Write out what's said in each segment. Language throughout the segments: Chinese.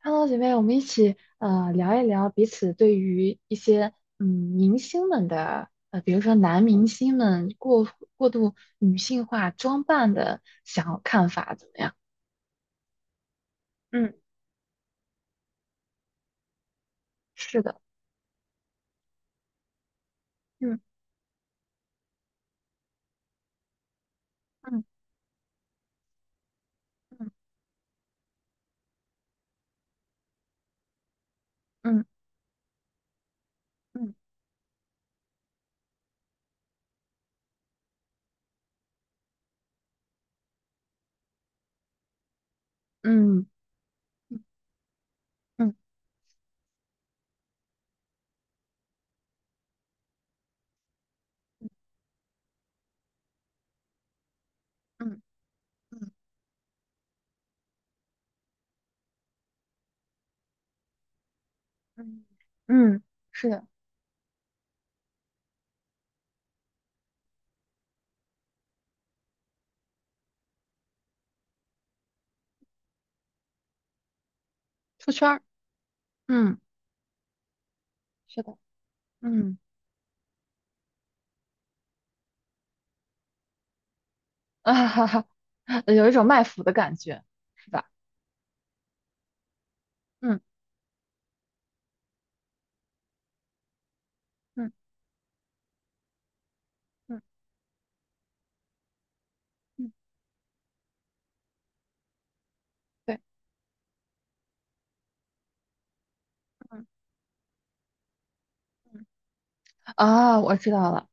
Hello，姐妹，我们一起聊一聊彼此对于一些明星们的比如说男明星们过度女性化装扮的想看法怎么样？嗯。是的。嗯嗯嗯嗯嗯嗯嗯嗯嗯嗯，嗯，是的。出圈儿。嗯。是的。嗯。啊哈哈，有一种卖腐的感觉，是吧？嗯嗯嗯嗯，对。嗯嗯。啊，我知道了。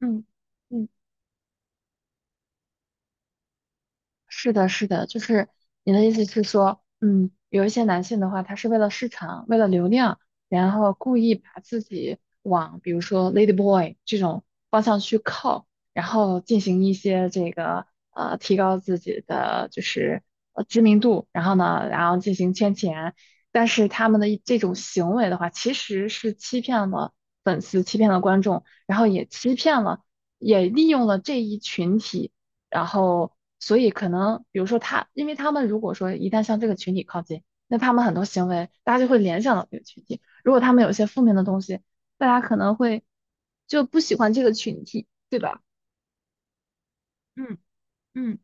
嗯。嗯，是的，是的，就是你的意思是说，有一些男性的话，他是为了市场，为了流量，然后故意把自己往比如说 lady boy 这种方向去靠，然后进行一些这个提高自己的就是知名度，然后呢，然后进行圈钱。但是他们的一这种行为的话，其实是欺骗了粉丝，欺骗了观众，然后也欺骗了，也利用了这一群体。然后所以可能比如说他，因为他们如果说一旦向这个群体靠近，那他们很多行为大家就会联想到这个群体。如果他们有一些负面的东西，大家可能会就不喜欢这个群体，对吧？嗯。嗯。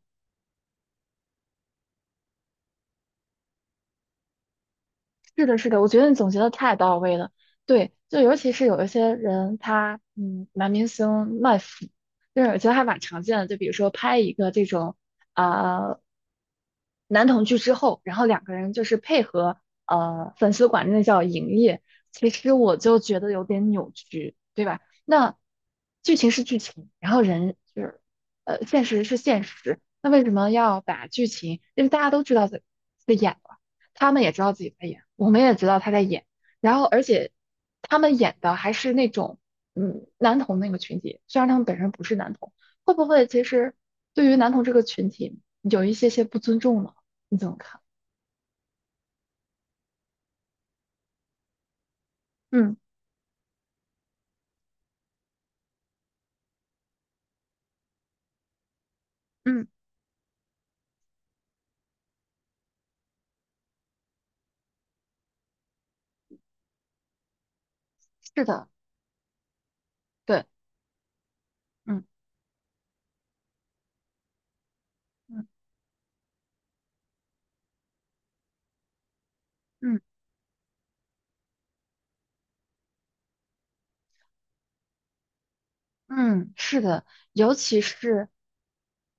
是的，是的，我觉得你总结的太到位了。对，就尤其是有一些人，他男明星卖腐，就是我觉得还蛮常见的。就比如说拍一个这种啊、男同剧之后，然后两个人就是配合粉丝管那叫营业，其实我就觉得有点扭曲，对吧？那剧情是剧情，然后人就是现实是现实，那为什么要把剧情？因为大家都知道在演了。他们也知道自己在演，我们也知道他在演，然后而且他们演的还是那种男童那个群体，虽然他们本身不是男童，会不会其实对于男童这个群体有一些些不尊重呢？你怎么看？嗯。嗯，是的，对。嗯嗯嗯嗯，是的，尤其是。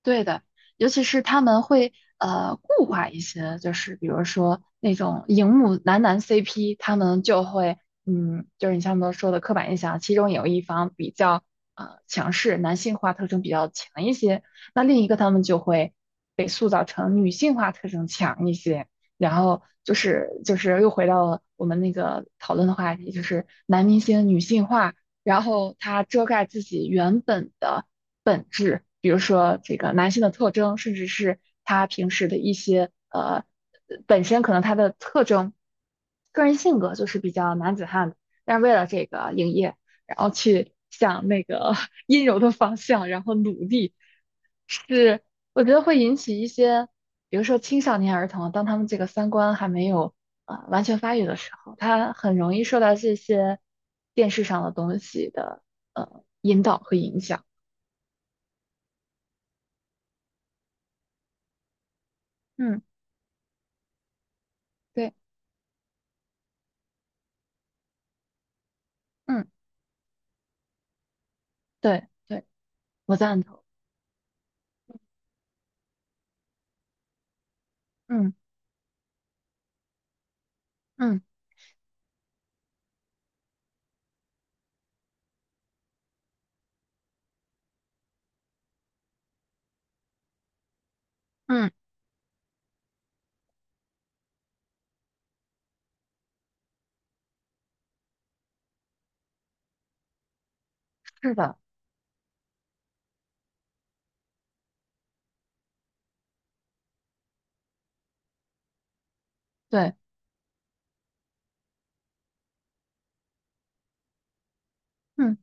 对的，尤其是他们会固化一些，就是比如说那种荧幕男男 CP，他们就会就是你像我们说的刻板印象，其中有一方比较强势，男性化特征比较强一些，那另一个他们就会被塑造成女性化特征强一些，然后就是又回到了我们那个讨论的话题，就是男明星女性化，然后他遮盖自己原本的。比如说这个男性的特征，甚至是他平时的一些本身可能他的特征，个人性格就是比较男子汉的，但是为了这个营业，然后去向那个 阴柔的方向，然后努力，是我觉得会引起一些，比如说青少年儿童，当他们这个三观还没有完全发育的时候，他很容易受到这些电视上的东西的引导和影响。嗯，对。嗯。对对，我赞同。嗯嗯嗯，是的，对。嗯。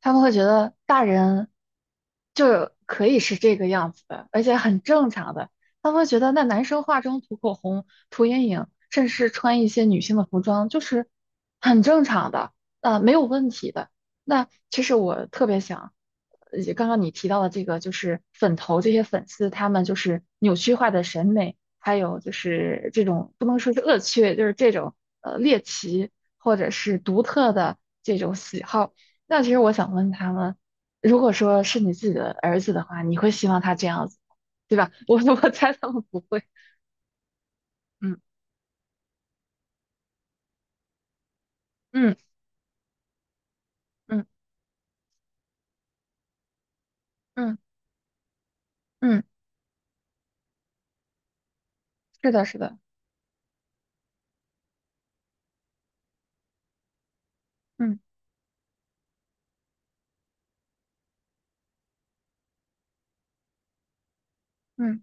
他们会觉得大人就可以是这个样子的，而且很正常的。他们会觉得那男生化妆、涂口红、涂眼影，甚至是穿一些女性的服装，就是很正常的，没有问题的。那其实我特别想，刚刚你提到的这个，就是粉头这些粉丝，他们就是扭曲化的审美，还有就是这种不能说是恶趣味，就是这种猎奇或者是独特的这种喜好。那其实我想问他们，如果说是你自己的儿子的话，你会希望他这样子，对吧？我猜他们不会。嗯嗯嗯嗯嗯，是的，是的。嗯嗯。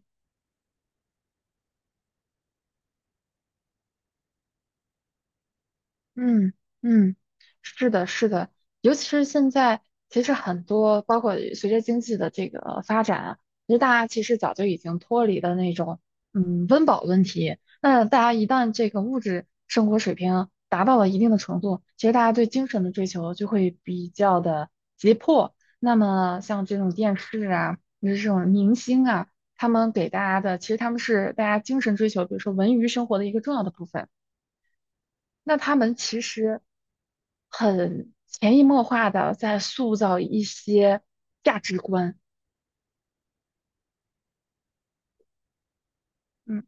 嗯嗯，是的，是的，尤其是现在，其实很多包括随着经济的这个发展啊，其实大家其实早就已经脱离了那种温饱问题。那大家一旦这个物质生活水平达到了一定的程度，其实大家对精神的追求就会比较的急迫。那么像这种电视啊，就是这种明星啊，他们给大家的，其实他们是大家精神追求，比如说文娱生活的一个重要的部分。那他们其实很潜移默化的在塑造一些价值观。嗯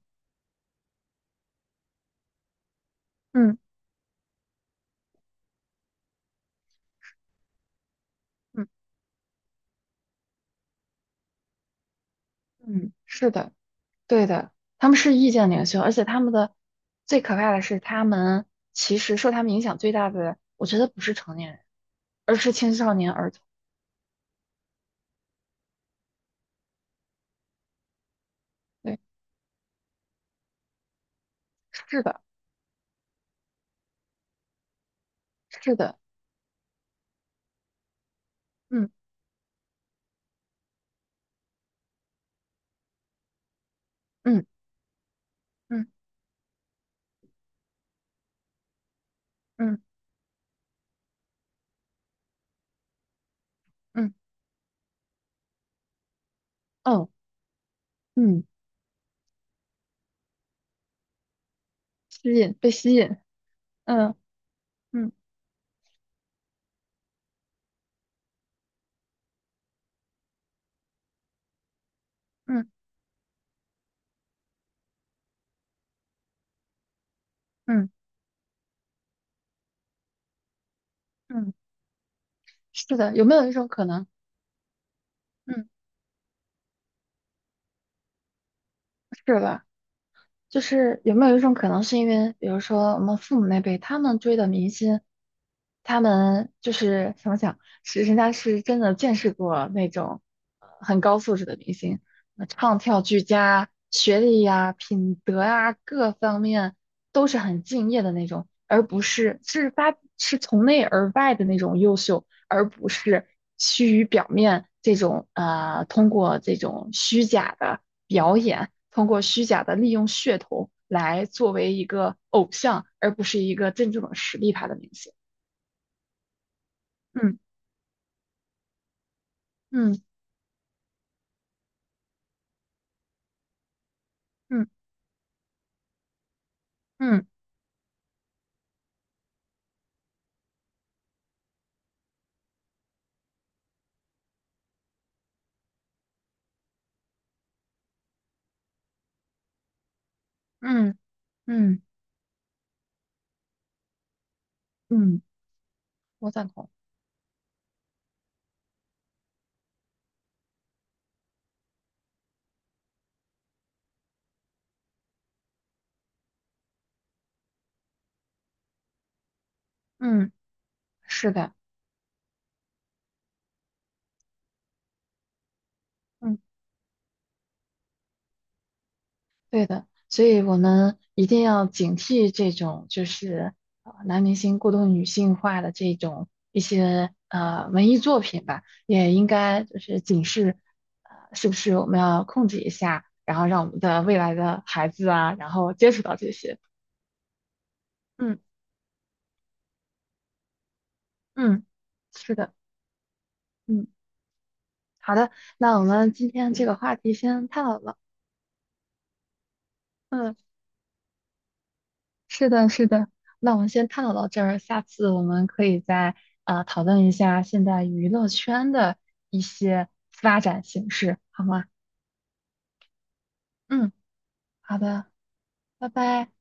嗯嗯嗯，是的，对的，他们是意见领袖，而且他们的最可怕的是，他们其实受他们影响最大的，我觉得不是成年人，而是青少年儿童。对，是的，是的。嗯嗯嗯嗯嗯嗯嗯，吸引，被吸引。嗯。嗯嗯嗯嗯是的，有没有一种可能？嗯。是吧？就是有没有一种可能，是因为比如说我们父母那辈，他们追的明星，他们就是怎么讲，是人家是真的见识过那种很高素质的明星，唱跳俱佳，学历呀、品德呀、各方面都是很敬业的那种，而不是是发是从内而外的那种优秀，而不是趋于表面这种通过这种虚假的。表演，通过虚假的利用噱头来作为一个偶像，而不是一个真正的实力派的明星。嗯嗯嗯嗯嗯嗯嗯。我赞同。嗯，是的。嗯。对的，所以我们一定要警惕这种就是男明星过度女性化的这种一些文艺作品吧，也应该就是警示，是不是我们要控制一下，然后让我们的未来的孩子啊，然后接触到这些。嗯。嗯，是的，嗯，好的，那我们今天这个话题先探讨了。嗯。是的，是的。那我们先探讨到这儿，下次我们可以再讨论一下现在娱乐圈的一些发展形势，好吗？嗯，好的，拜拜。